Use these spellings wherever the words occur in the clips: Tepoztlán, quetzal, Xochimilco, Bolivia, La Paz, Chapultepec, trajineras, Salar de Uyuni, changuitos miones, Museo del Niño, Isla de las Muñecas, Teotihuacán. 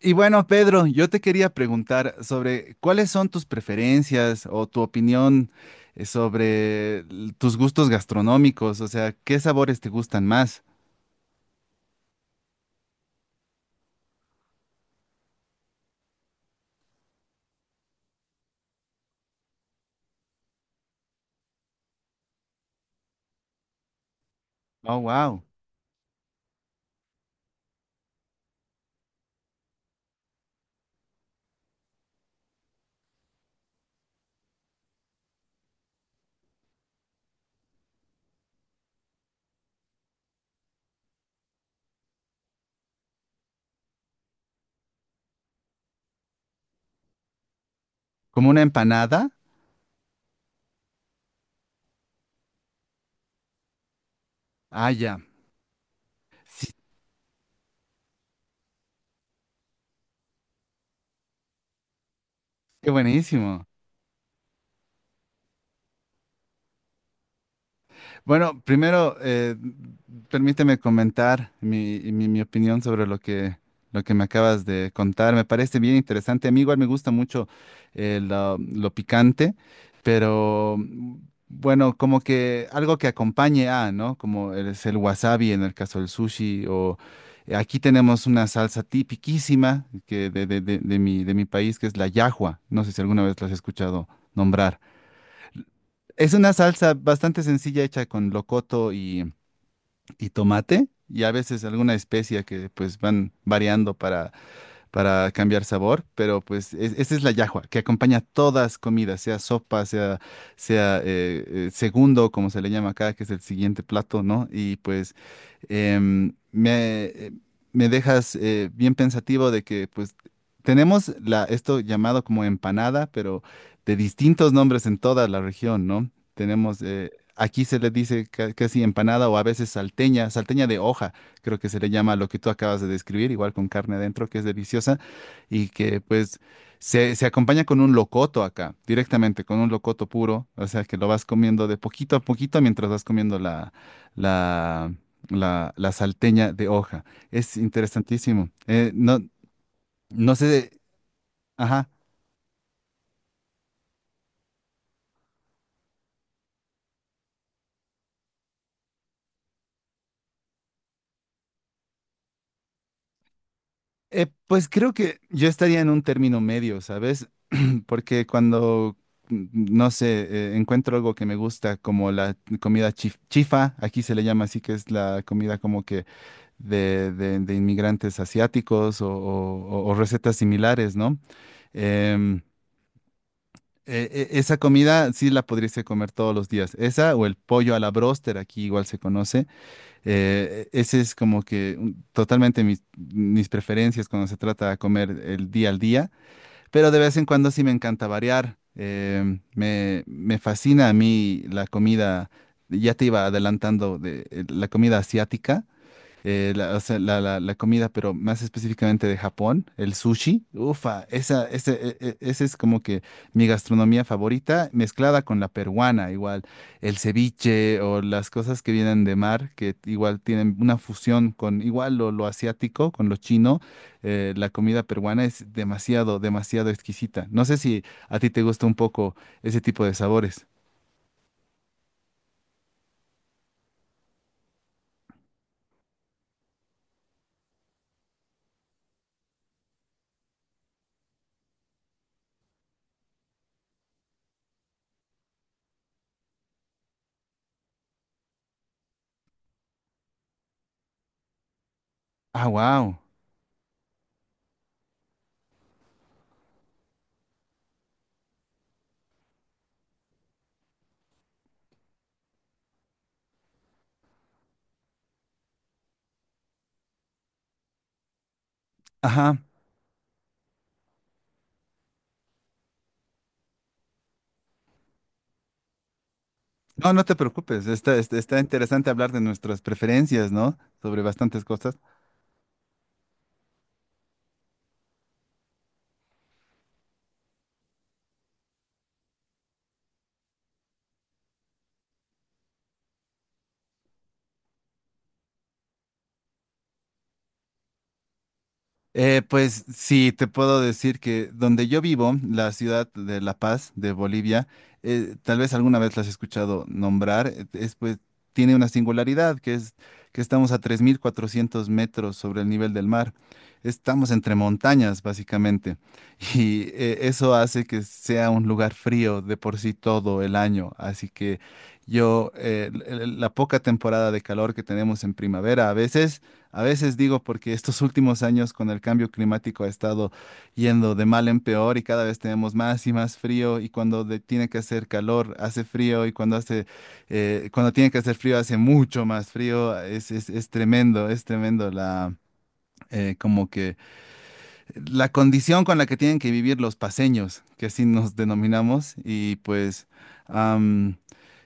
Y bueno, Pedro, yo te quería preguntar sobre cuáles son tus preferencias o tu opinión sobre tus gustos gastronómicos, o sea, ¿qué sabores te gustan más? Oh, wow. ¿Como una empanada? Ah, ya. Sí, qué buenísimo. Bueno, primero, permíteme comentar mi opinión sobre lo que me acabas de contar. Me parece bien interesante. A mí igual me gusta mucho lo picante, pero mm, bueno, como que algo que acompañe a, ¿no? Como es el wasabi en el caso del sushi, o aquí tenemos una salsa tipiquísima que de mi país, que es la yahua. No sé si alguna vez la has escuchado nombrar. Es una salsa bastante sencilla hecha con locoto y tomate y a veces alguna especia que pues van variando para cambiar sabor, pero pues esta es la llajua, que acompaña todas comidas, sea sopa, sea, sea segundo, como se le llama acá, que es el siguiente plato, ¿no? Y pues em, me, me dejas bien pensativo de que pues tenemos la, esto llamado como empanada, pero de distintos nombres en toda la región, ¿no? Tenemos, aquí se le dice casi empanada o a veces salteña, salteña de hoja creo que se le llama lo que tú acabas de describir, igual con carne adentro, que es deliciosa y que pues se acompaña con un locoto acá, directamente, con un locoto puro, o sea que lo vas comiendo de poquito a poquito mientras vas comiendo la, la salteña de hoja. Es interesantísimo. No, no sé, ajá. Pues creo que yo estaría en un término medio, ¿sabes? Porque cuando, mm, no sé, encuentro algo que me gusta, como la comida chifa, aquí se le llama así, que es la comida como que de inmigrantes asiáticos o recetas similares, ¿no? Em, e- esa comida sí la podrías comer todos los días. Esa o el pollo a la bróster, aquí igual se conoce. Ese es como que mm, totalmente mis preferencias cuando se trata de comer el día al día, pero de vez en cuando sí me encanta variar. Em, me fascina a mí la comida, ya te iba adelantando de la comida asiática, la, o sea, la- la comida, pero más específicamente de Japón, el sushi. Ufa, esa, ese, e- e- ese es como que mi gastronomía favorita, mezclada con la peruana, igual el ceviche o las cosas que vienen de mar, que igual tienen una fusión con igual lo asiático, con lo chino. Eh, la comida peruana es demasiado, demasiado exquisita. No sé si a ti te gusta un poco ese tipo de sabores. Ah, wow. Ajá. No, no te preocupes, está, está, está interesante hablar de nuestras preferencias, ¿no? Sobre bastantes cosas. Pues sí, te puedo decir que donde yo vivo, la ciudad de La Paz, de Bolivia, tal vez alguna vez las has escuchado nombrar, es, pues, tiene una singularidad, que es que estamos a 3.400 metros sobre el nivel del mar. Estamos entre montañas, básicamente, y eso hace que sea un lugar frío de por sí todo el año. Así que yo, la poca temporada de calor que tenemos en primavera, a veces digo porque estos últimos años con el cambio climático ha estado yendo de mal en peor y cada vez tenemos más y más frío y cuando tiene que hacer calor hace frío y cuando hace cuando tiene que hacer frío hace mucho más frío. Es tremendo, es tremendo la como que la condición con la que tienen que vivir los paseños, que así nos denominamos, y pues am,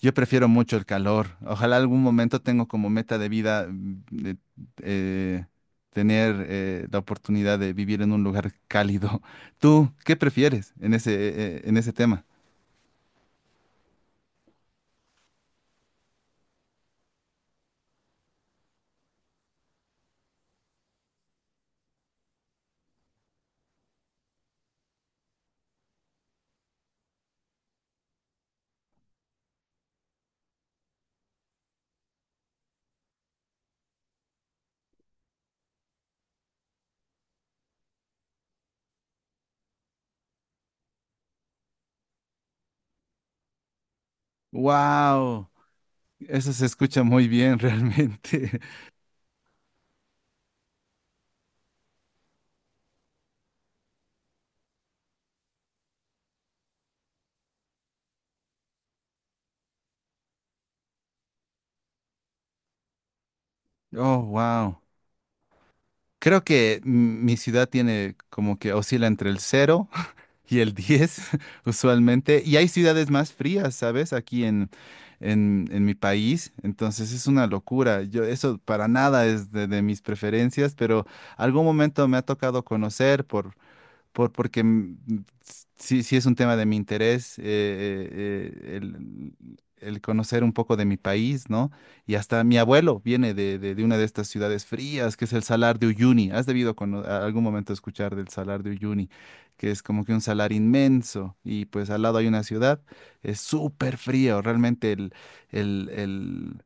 yo prefiero mucho el calor. Ojalá algún momento tengo como meta de vida mm, eh, tener la oportunidad de vivir en un lugar cálido. ¿Tú qué prefieres en ese tema? Wow, eso se escucha muy bien realmente. Oh, wow. Creo que mm, mi ciudad tiene como que oscila entre el 0 y el 10 usualmente. Y hay ciudades más frías, ¿sabes? Aquí en mi país. Entonces es una locura. Yo, eso para nada es de mis preferencias, pero algún momento me ha tocado conocer porque mm, sí, sí es un tema de mi interés, el conocer un poco de mi país, ¿no? Y hasta mi abuelo viene de una de estas ciudades frías, que es el Salar de Uyuni. ¿Has debido a algún momento escuchar del Salar de Uyuni? Que es como que un salar inmenso y pues al lado hay una ciudad, es súper frío, realmente el,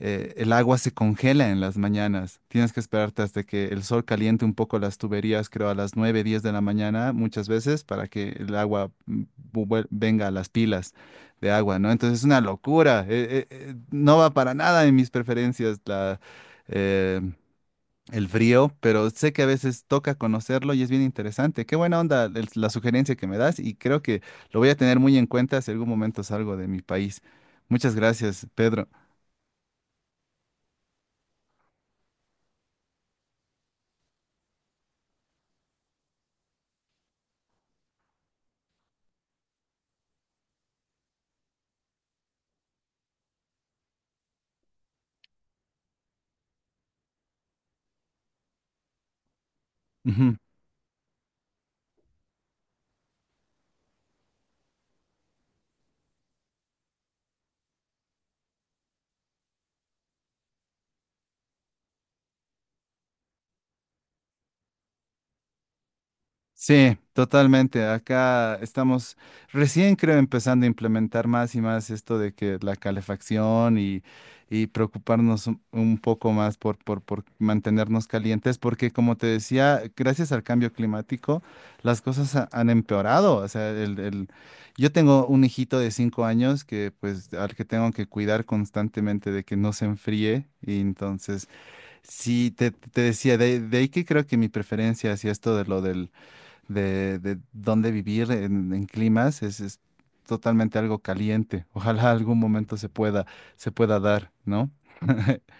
el agua se congela en las mañanas. Tienes que esperarte hasta que el sol caliente un poco las tuberías, creo a las 9, 10 de la mañana muchas veces para que el agua mm, venga a las pilas de agua, ¿no? Entonces es una locura. No va para nada en mis preferencias la, eh, el frío, pero sé que a veces toca conocerlo y es bien interesante. Qué buena onda la sugerencia que me das y creo que lo voy a tener muy en cuenta si algún momento salgo de mi país. Muchas gracias, Pedro. Ujú. Sí, totalmente. Acá estamos recién, creo, empezando a implementar más y más esto de que la calefacción y preocuparnos un poco más por mantenernos calientes, porque como te decía, gracias al cambio climático, las cosas han empeorado. O sea, yo tengo un hijito de 5 años que, pues, al que tengo que cuidar constantemente de que no se enfríe y entonces... Sí, te decía, de ahí que creo que mi preferencia hacia esto de de dónde vivir en climas es totalmente algo caliente. Ojalá algún momento se pueda dar, ¿no?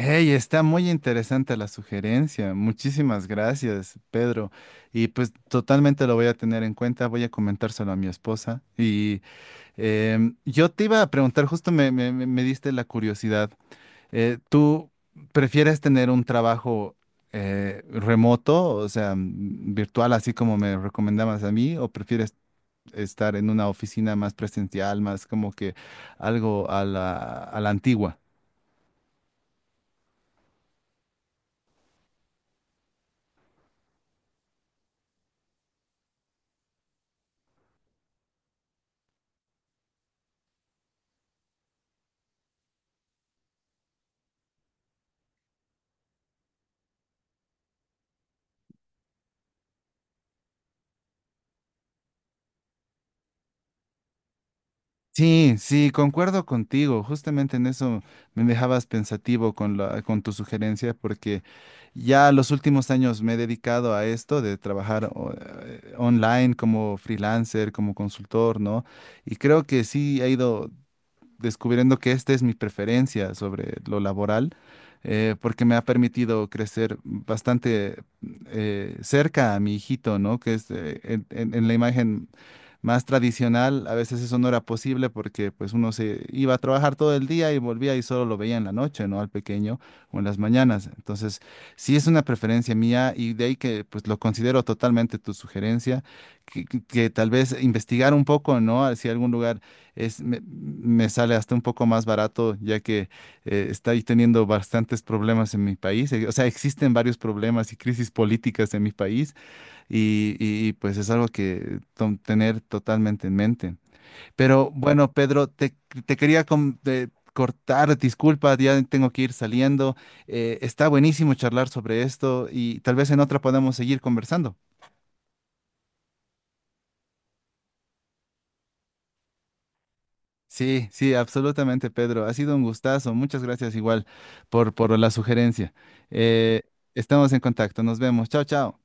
Hey, está muy interesante la sugerencia. Muchísimas gracias, Pedro. Y pues totalmente lo voy a tener en cuenta. Voy a comentárselo a mi esposa. Y em, yo te iba a preguntar, justo me diste la curiosidad. ¿Tú prefieres tener un trabajo remoto, o sea, mm, virtual, así como me recomendabas a mí, o prefieres estar en una oficina más presencial, más como que algo a la antigua? Sí, sí, concuerdo contigo. Justamente en eso me dejabas pensativo con con tu sugerencia, porque ya los últimos años me he dedicado a esto de trabajar online como freelancer, como consultor, ¿no? Y creo que sí ha ido descubriendo que esta es mi preferencia sobre lo laboral, porque me ha permitido crecer bastante cerca a mi hijito, ¿no? Que es en la imagen más tradicional, a veces eso no era posible porque pues uno se iba a trabajar todo el día y volvía y solo lo veía en la noche, ¿no? Al pequeño o en las mañanas. Entonces, sí es una preferencia mía y de ahí que pues lo considero totalmente tu sugerencia que tal vez investigar un poco, ¿no? Si algún lugar es, me sale hasta un poco más barato, ya que estoy teniendo bastantes problemas en mi país. O sea, existen varios problemas y crisis políticas en mi país y, pues es algo que tener totalmente en mente. Pero bueno, Pedro, te quería cortar, disculpa, ya tengo que ir saliendo. Está buenísimo charlar sobre esto y tal vez en otra podamos seguir conversando. Sí, sí, absolutamente, Pedro. Ha sido un gustazo. Muchas gracias igual por la sugerencia. Eh, estamos en contacto. Nos vemos. Chao, chao.